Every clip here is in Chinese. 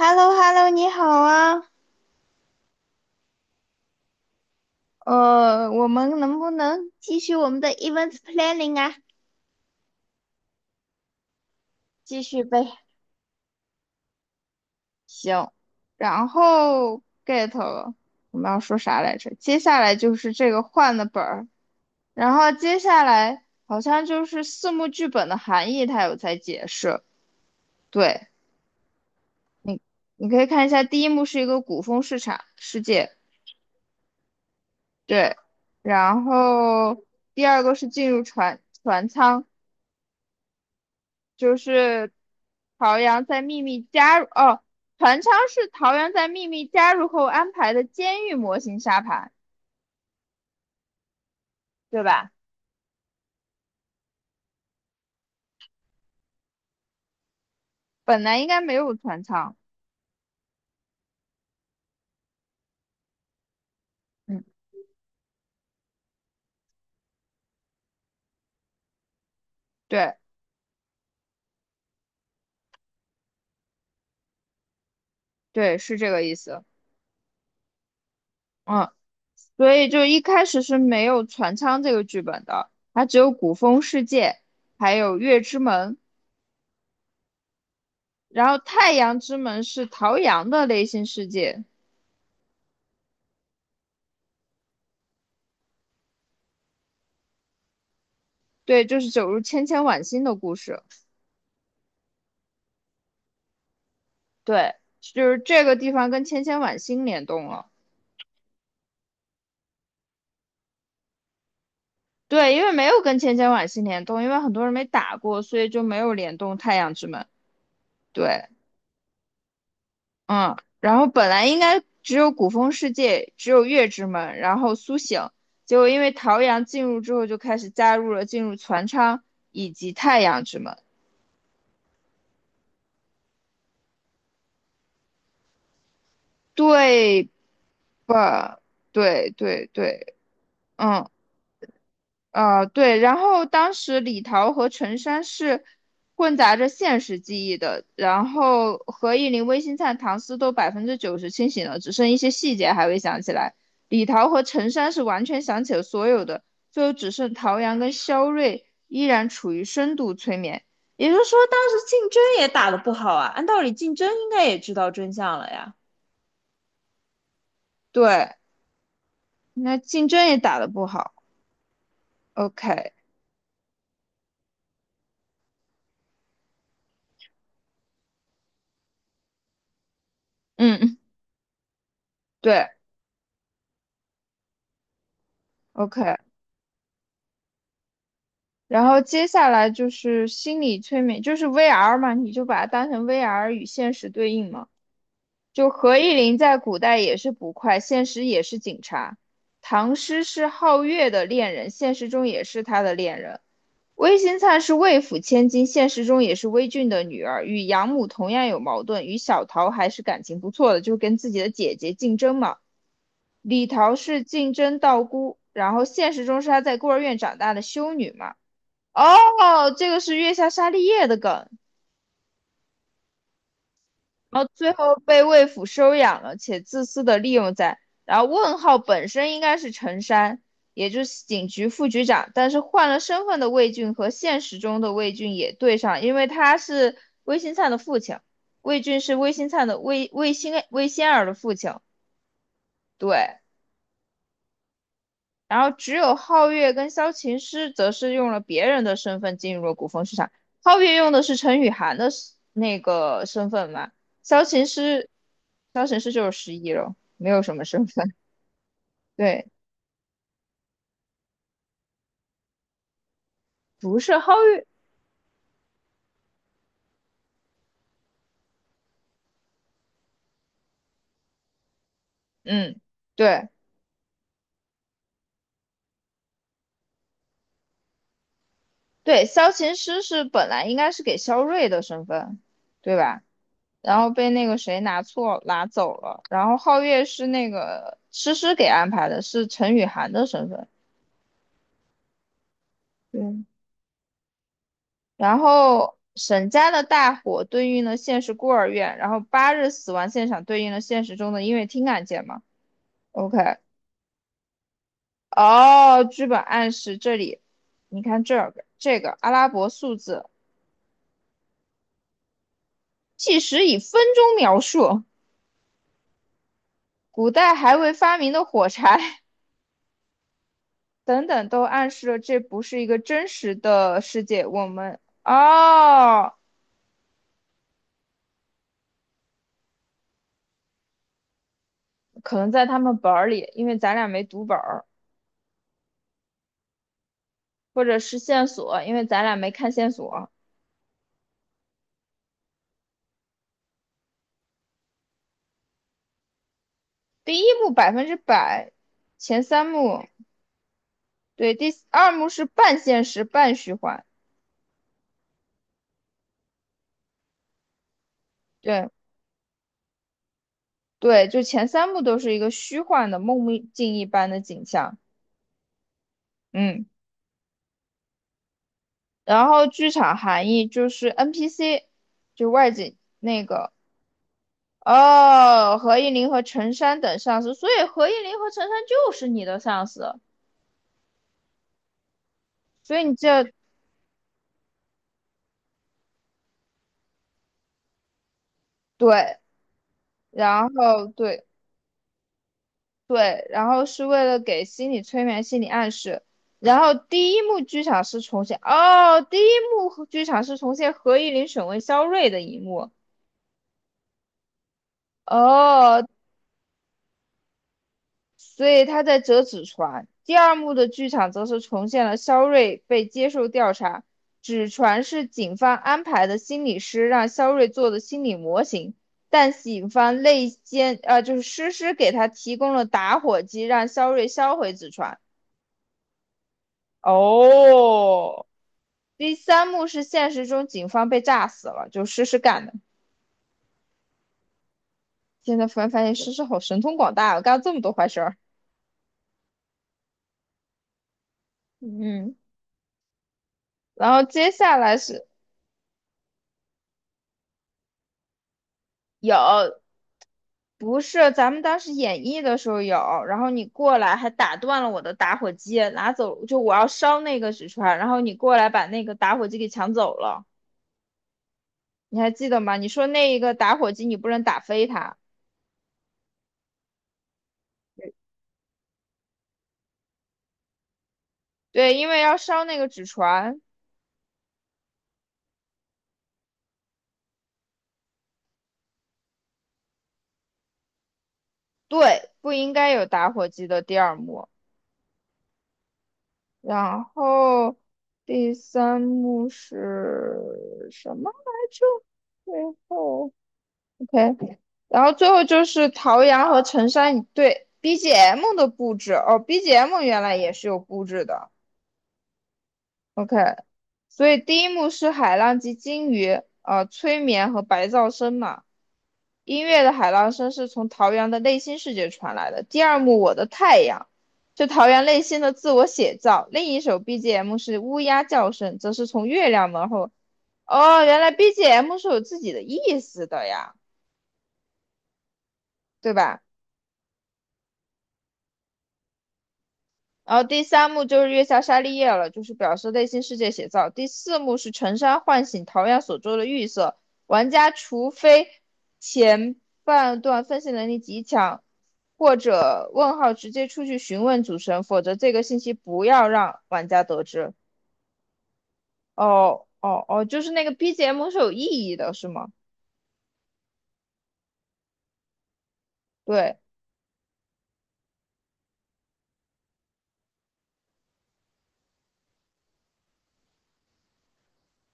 h e l l o h e l l o 你好啊，我们能不能继续我们的 events planning 啊？继续呗，行。然后 get 了，我们要说啥来着？接下来就是这个换的本儿，然后接下来好像就是四幕剧本的含义，它有在解释。对你，你可以看一下，第一幕是一个古风市场世界，对，然后第二个是进入船舱。就是陶阳在秘密加入哦，船舱是陶阳在秘密加入后安排的监狱模型沙盘，对吧？本来应该没有船舱，嗯，对对，是这个意思，嗯，所以就一开始是没有船舱这个剧本的，它只有古风世界，还有月之门，然后太阳之门是陶阳的内心世界，对，就是走入千千晚星的故事，对，就是这个地方跟千千晚星联动了。对，因为没有跟千千晚星联动，因为很多人没打过，所以就没有联动太阳之门。对，嗯，然后本来应该只有古风世界，只有月之门，然后苏醒，结果因为桃阳进入之后，就开始加入了进入船舱以及太阳之门，对吧？对对对，嗯，对，然后当时李桃和陈山是混杂着现实记忆的，然后何以林、魏新灿、唐斯都90%清醒了，只剩一些细节还未想起来。李桃和陈山是完全想起了所有的，最后只剩陶阳跟肖瑞依然处于深度催眠。也就是说，当时竞争也打得不好啊。按道理，竞争应该也知道真相了呀。对，那竞争也打得不好。OK，嗯，对，OK。然后接下来就是心理催眠，就是 VR 嘛，你就把它当成 VR 与现实对应嘛。就何依琳在古代也是捕快，现实也是警察；唐诗是皓月的恋人，现实中也是他的恋人；魏新灿是魏府千金，现实中也是魏俊的女儿，与养母同样有矛盾，与小桃还是感情不错的，就跟自己的姐姐竞争嘛。李桃是竞争道姑，然后现实中是她在孤儿院长大的修女嘛。哦，这个是月下沙利叶的梗，然后最后被魏府收养了，且自私的利用在。然后问号本身应该是陈山，也就是警局副局长，但是换了身份的魏俊和现实中的魏俊也对上，因为他是魏新灿的父亲，魏俊是魏新灿的魏仙儿的父亲，对。然后只有皓月跟萧琴师则是用了别人的身份进入了古风市场。皓月用的是陈雨涵的那个身份嘛，萧琴师，萧琴师就是失忆了，没有什么身份。对，不是皓月，嗯，对对，萧琴师是本来应该是给萧睿的身份，对吧？然后被那个谁拿错拿走了，然后皓月是那个诗诗给安排的，是陈雨涵的身份。对，然后沈家的大火对应了现实孤儿院，然后八日死亡现场对应了现实中的音乐厅案件嘛？OK，哦，剧本暗示这里，你看这个阿拉伯数字计时以分钟描述，古代还未发明的火柴 等等，都暗示了这不是一个真实的世界。我们哦，可能在他们本儿里，因为咱俩没读本儿，或者是线索，因为咱俩没看线索。第一幕100%，前三幕，对，第二幕是半现实半虚幻，对对，就前三幕都是一个虚幻的梦寐境一般的景象，嗯，然后剧场含义就是 NPC，就外景那个，哦，何应麟和陈山等上司，所以何应麟和陈山就是你的上司，所以你这对，然后对。对，然后是为了给心理催眠、心理暗示。然后第一幕剧场是重现，哦，第一幕和剧场是重现何依琳审问肖瑞的一幕，哦，所以他在折纸船。第二幕的剧场则是重现了肖瑞被接受调查，纸船是警方安排的心理师让肖瑞做的心理模型，但警方内奸，就是诗诗给他提供了打火机，让肖瑞销毁纸船。哦，第三幕是现实中警方被炸死了，就诗诗干的。现在突然发现诗诗好神通广大，我干了这么多坏事儿。嗯，然后接下来是有，不是咱们当时演绎的时候有，然后你过来还打断了我的打火机，拿走就我要烧那个纸船，然后你过来把那个打火机给抢走了，你还记得吗？你说那一个打火机你不能打飞它，对，因为要烧那个纸船，对，不应该有打火机的第二幕。然后第三幕是什么来着？最后，OK，然后最后就是陶阳和陈山一对 BGM 的布置哦，BGM 原来也是有布置的，OK，所以第一幕是海浪及鲸鱼，催眠和白噪声嘛，音乐的海浪声是从桃园的内心世界传来的。第二幕《我的太阳》是桃园内心的自我写照，另一首 BGM 是乌鸦叫声，则是从月亮门后。哦，原来 BGM 是有自己的意思的呀，对吧？然后第三幕就是月下沙利叶了，就是表示内心世界写照。第四幕是陈山唤醒桃矢所做的预设，玩家除非前半段分析能力极强，或者问号直接出去询问主神，否则这个信息不要让玩家得知。哦哦哦，就是那个 BGM 是有意义的，是吗？对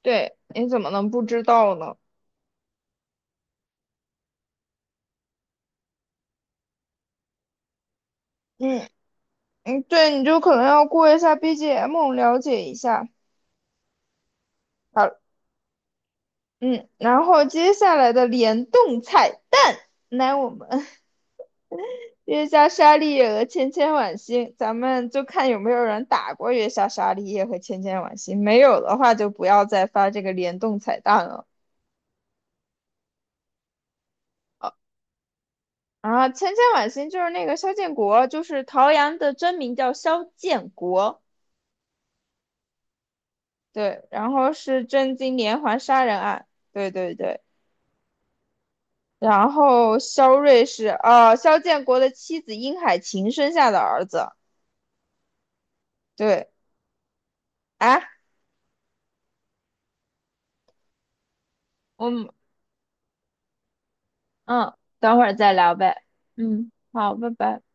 对，你怎么能不知道呢？嗯嗯，对，你就可能要过一下 BGM 了解一下。好，嗯，然后接下来的联动彩蛋，来我们 月下沙利叶和千千晚星，咱们就看有没有人打过月下沙利叶和千千晚星，没有的话就不要再发这个联动彩蛋了。啊，然后千千晚星就是那个肖建国，就是陶阳的真名叫肖建国，对，然后是真金连环杀人案，对对对。然后肖睿是肖建国的妻子殷海琴生下的儿子，对。啊，我们嗯，等会儿再聊呗。嗯，好，拜拜。